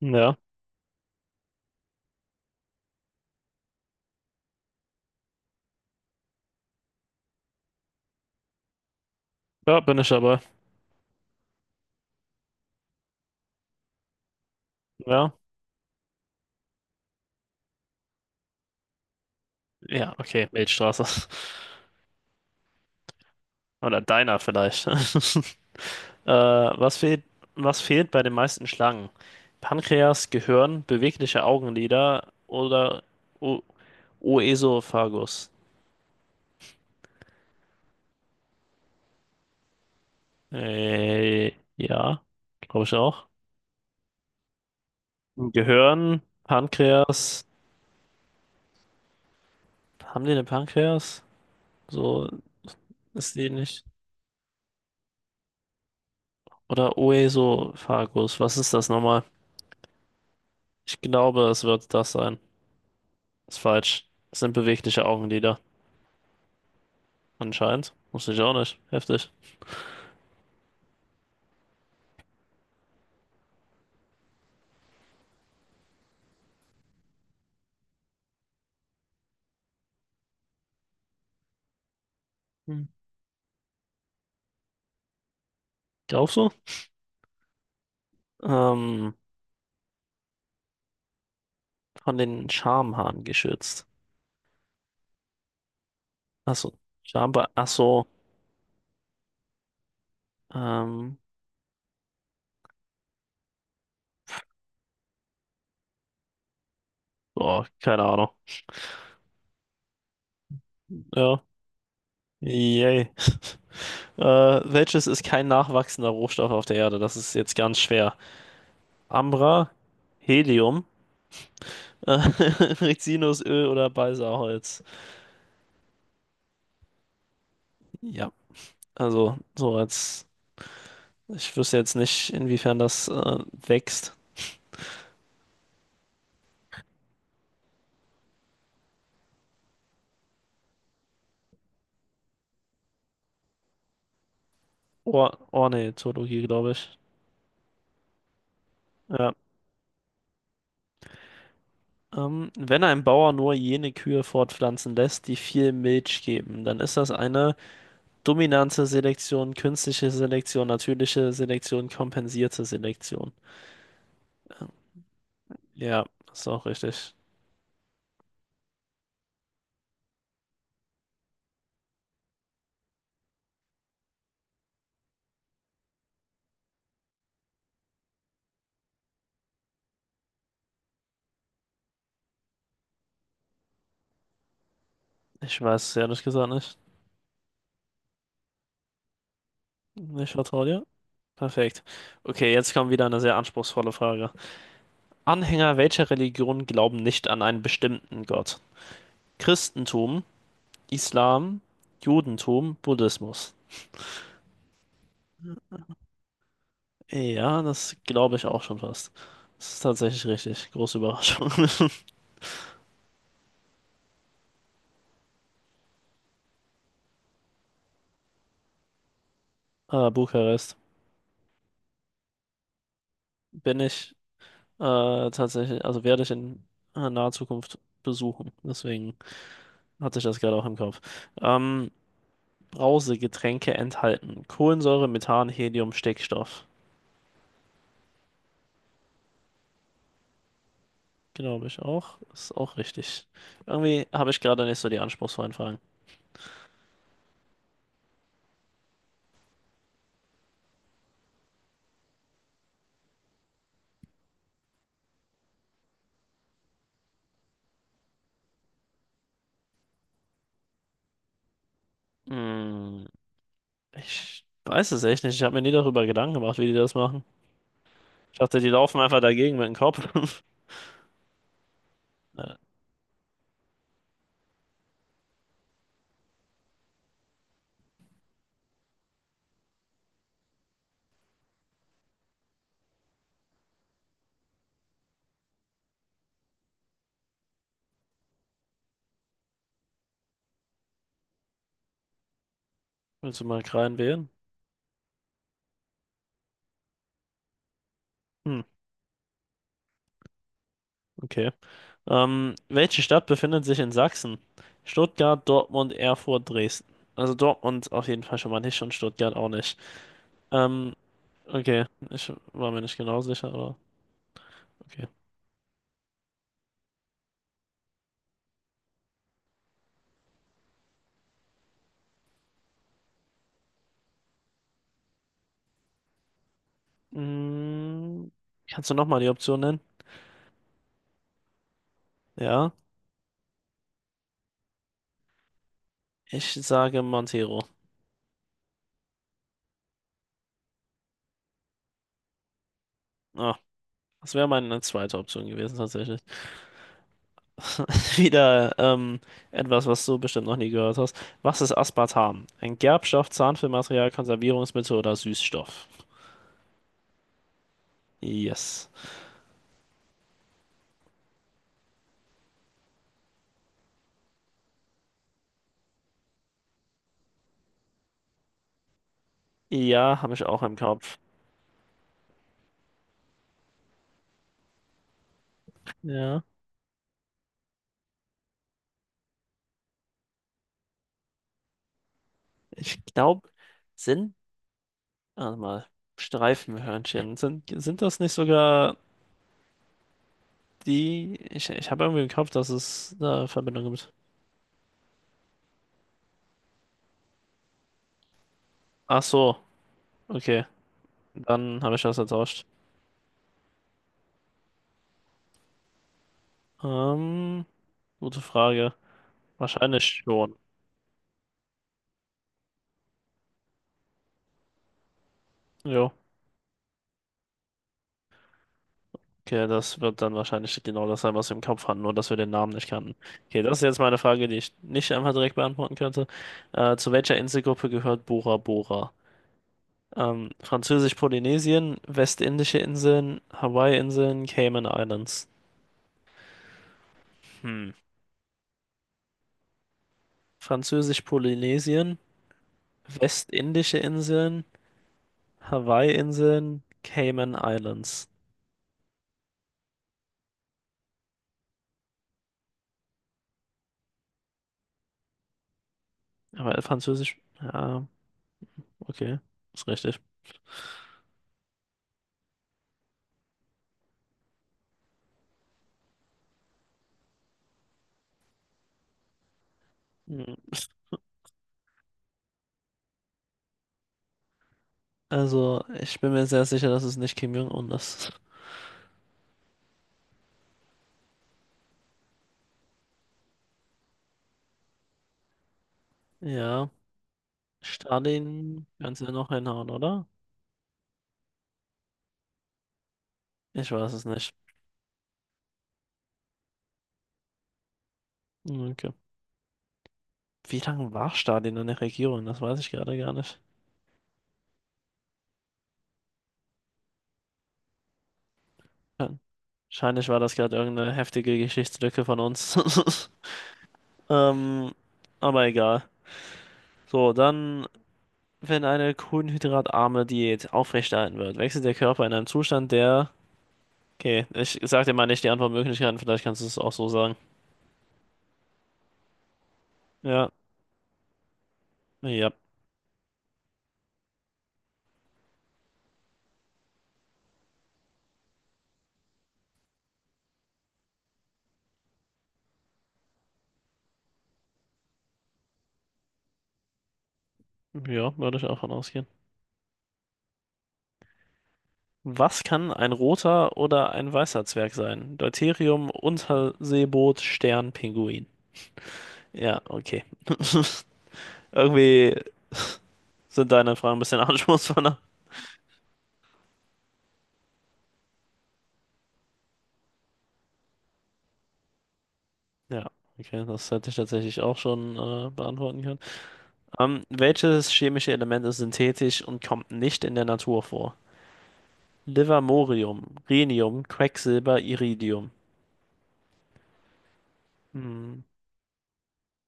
Ja, ja, bin ich dabei. Ja, ja, okay, Milchstraße. Oder Diner vielleicht. Äh, was fehlt, was fehlt bei den meisten Schlangen? Pankreas, Gehirn, bewegliche Augenlider oder o Oesophagus? Äh, ja, glaube ich auch. Gehirn, Pankreas. Haben die eine Pankreas? So ist die nicht. Oder Oesophagus. Was ist das nochmal? Ich glaube, es wird das sein. Ist falsch. Es sind bewegliche Augenlider, anscheinend. Wusste ich auch nicht. Heftig. Hm. Glaubst du? Ähm, von den Schamhaaren geschützt. Achso, achso, ähm, boah, keine Ahnung. Ja, yay. Äh, Welches ist kein nachwachsender Rohstoff auf der Erde? Das ist jetzt ganz schwer. Ambra, Helium, Rizinusöl oder Balsaholz? Ja, also so als, ich wüsste jetzt nicht, inwiefern das wächst. Or Ornithologie, glaube ich. Ja. Wenn ein Bauer nur jene Kühe fortpflanzen lässt, die viel Milch geben, dann ist das eine dominante Selektion, künstliche Selektion, natürliche Selektion, kompensierte Selektion. Ja, ist auch richtig. Ich weiß es ehrlich gesagt nicht. Ich vertraue dir. Perfekt. Okay, jetzt kommt wieder eine sehr anspruchsvolle Frage. Anhänger welcher Religion glauben nicht an einen bestimmten Gott? Christentum, Islam, Judentum, Buddhismus. Ja, das glaube ich auch schon fast. Das ist tatsächlich richtig. Große Überraschung. Bukarest. Bin ich äh, tatsächlich, also werde ich in naher Zukunft besuchen. Deswegen hatte ich das gerade auch im Kopf. Ähm, Brausegetränke enthalten. Kohlensäure, Methan, Helium, Stickstoff. Glaube ich auch. Ist auch richtig. Irgendwie habe ich gerade nicht so die anspruchsvollen Fragen. Hm, ich weiß es echt nicht. Ich habe mir nie darüber Gedanken gemacht, wie die das machen. Ich dachte, die laufen einfach dagegen mit dem Kopf. Willst du mal rein? Hm, okay. Welche Stadt befindet sich in Sachsen? Stuttgart, Dortmund, Erfurt, Dresden. Also Dortmund auf jeden Fall schon mal nicht und Stuttgart auch nicht. Ähm, okay. Ich war mir nicht genau sicher, aber okay. Hm, kannst du nochmal die Option nennen? Ja. Ich sage Montero. Ah, das wäre meine zweite Option gewesen tatsächlich. Wieder etwas, was du bestimmt noch nie gehört hast. Was ist Aspartam? Ein Gerbstoff, Zahnfüllmaterial, Konservierungsmittel oder Süßstoff? Yes. Ja, habe ich auch im Kopf. Ja. Ich glaube, sind, warte mal, Streifenhörnchen. Sind das nicht sogar die? Ich habe irgendwie im Kopf, dass es da Verbindung gibt. Ach so, okay. Dann habe ich das vertauscht. Ähm, Gute Frage. Wahrscheinlich schon. Jo. Okay, das wird dann wahrscheinlich genau das sein, was wir im Kopf hatten, nur dass wir den Namen nicht kannten. Okay, das ist jetzt meine Frage, die ich nicht einfach direkt beantworten könnte. Zu welcher Inselgruppe gehört Bora Bora? Französisch-Polynesien, Westindische Inseln, Hawaii-Inseln, Cayman Islands. Hm. Französisch-Polynesien, Westindische Inseln, Hawaii-Inseln, Cayman Islands. Aber Französisch, ja, okay, ist richtig. Hm. Also, ich bin mir sehr sicher, dass es nicht Kim Jong-un ist. Ja, Stalin, kannst du ja noch hinhauen, oder? Ich weiß es nicht. Okay. Wie lange war Stalin in der Regierung? Das weiß ich gerade gar nicht. Wahrscheinlich war das gerade irgendeine heftige Geschichtslücke von uns. Ähm, aber egal. So, dann, wenn eine kohlenhydratarme Diät aufrechterhalten wird, wechselt der Körper in einem Zustand, der. Okay, ich sag dir mal nicht die Antwortmöglichkeiten, vielleicht kannst du es auch so sagen. Ja, ja, ja, würde ich auch von ausgehen. Was kann ein roter oder ein weißer Zwerg sein? Deuterium, Unterseeboot, Stern, Pinguin. Ja, okay. Irgendwie sind deine Fragen ein bisschen anspruchsvoller. Ja, okay, das hätte ich tatsächlich auch schon beantworten können. Welches chemische Element ist synthetisch und kommt nicht in der Natur vor? Livermorium, Rhenium, Quecksilber, Iridium. Hm.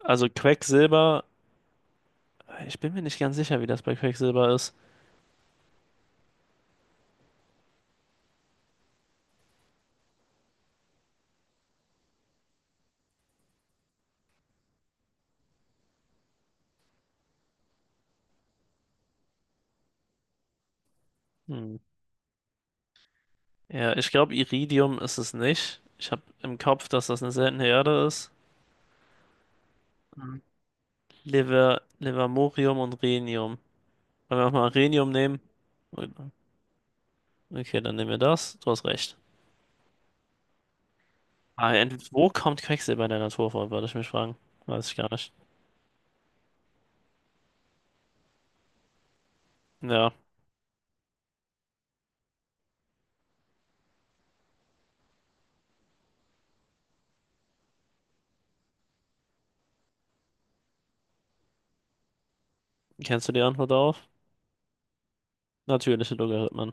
Also Quecksilber, ich bin mir nicht ganz sicher, wie das bei Quecksilber ist. Hm. Ja, ich glaube, Iridium ist es nicht. Ich habe im Kopf, dass das eine seltene Erde ist. Mhm. Livermorium und Rhenium. Wollen wir auch mal Rhenium nehmen? Okay, dann nehmen wir das. Du hast recht. Ah, wo kommt Quecksilber in der Natur vor, würde ich mich fragen. Weiß ich gar nicht. Ja, kennst du die Antwort darauf? Natürliche Logarithmen.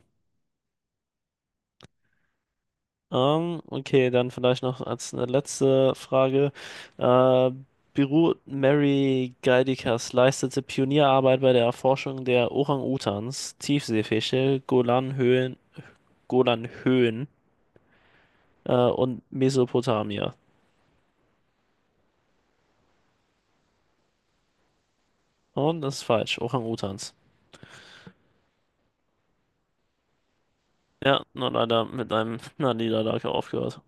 Okay, dann vielleicht noch als eine letzte Frage. Äh, Beruht Mary Geidikas leistete Pionierarbeit bei der Erforschung der Orang-Utans, Tiefseefische, Golanhöhen, Golanhöhen und Mesopotamia. Und das ist falsch, Orang-Utans. Ja, nur leider mit einem einer Niederlage aufgehört.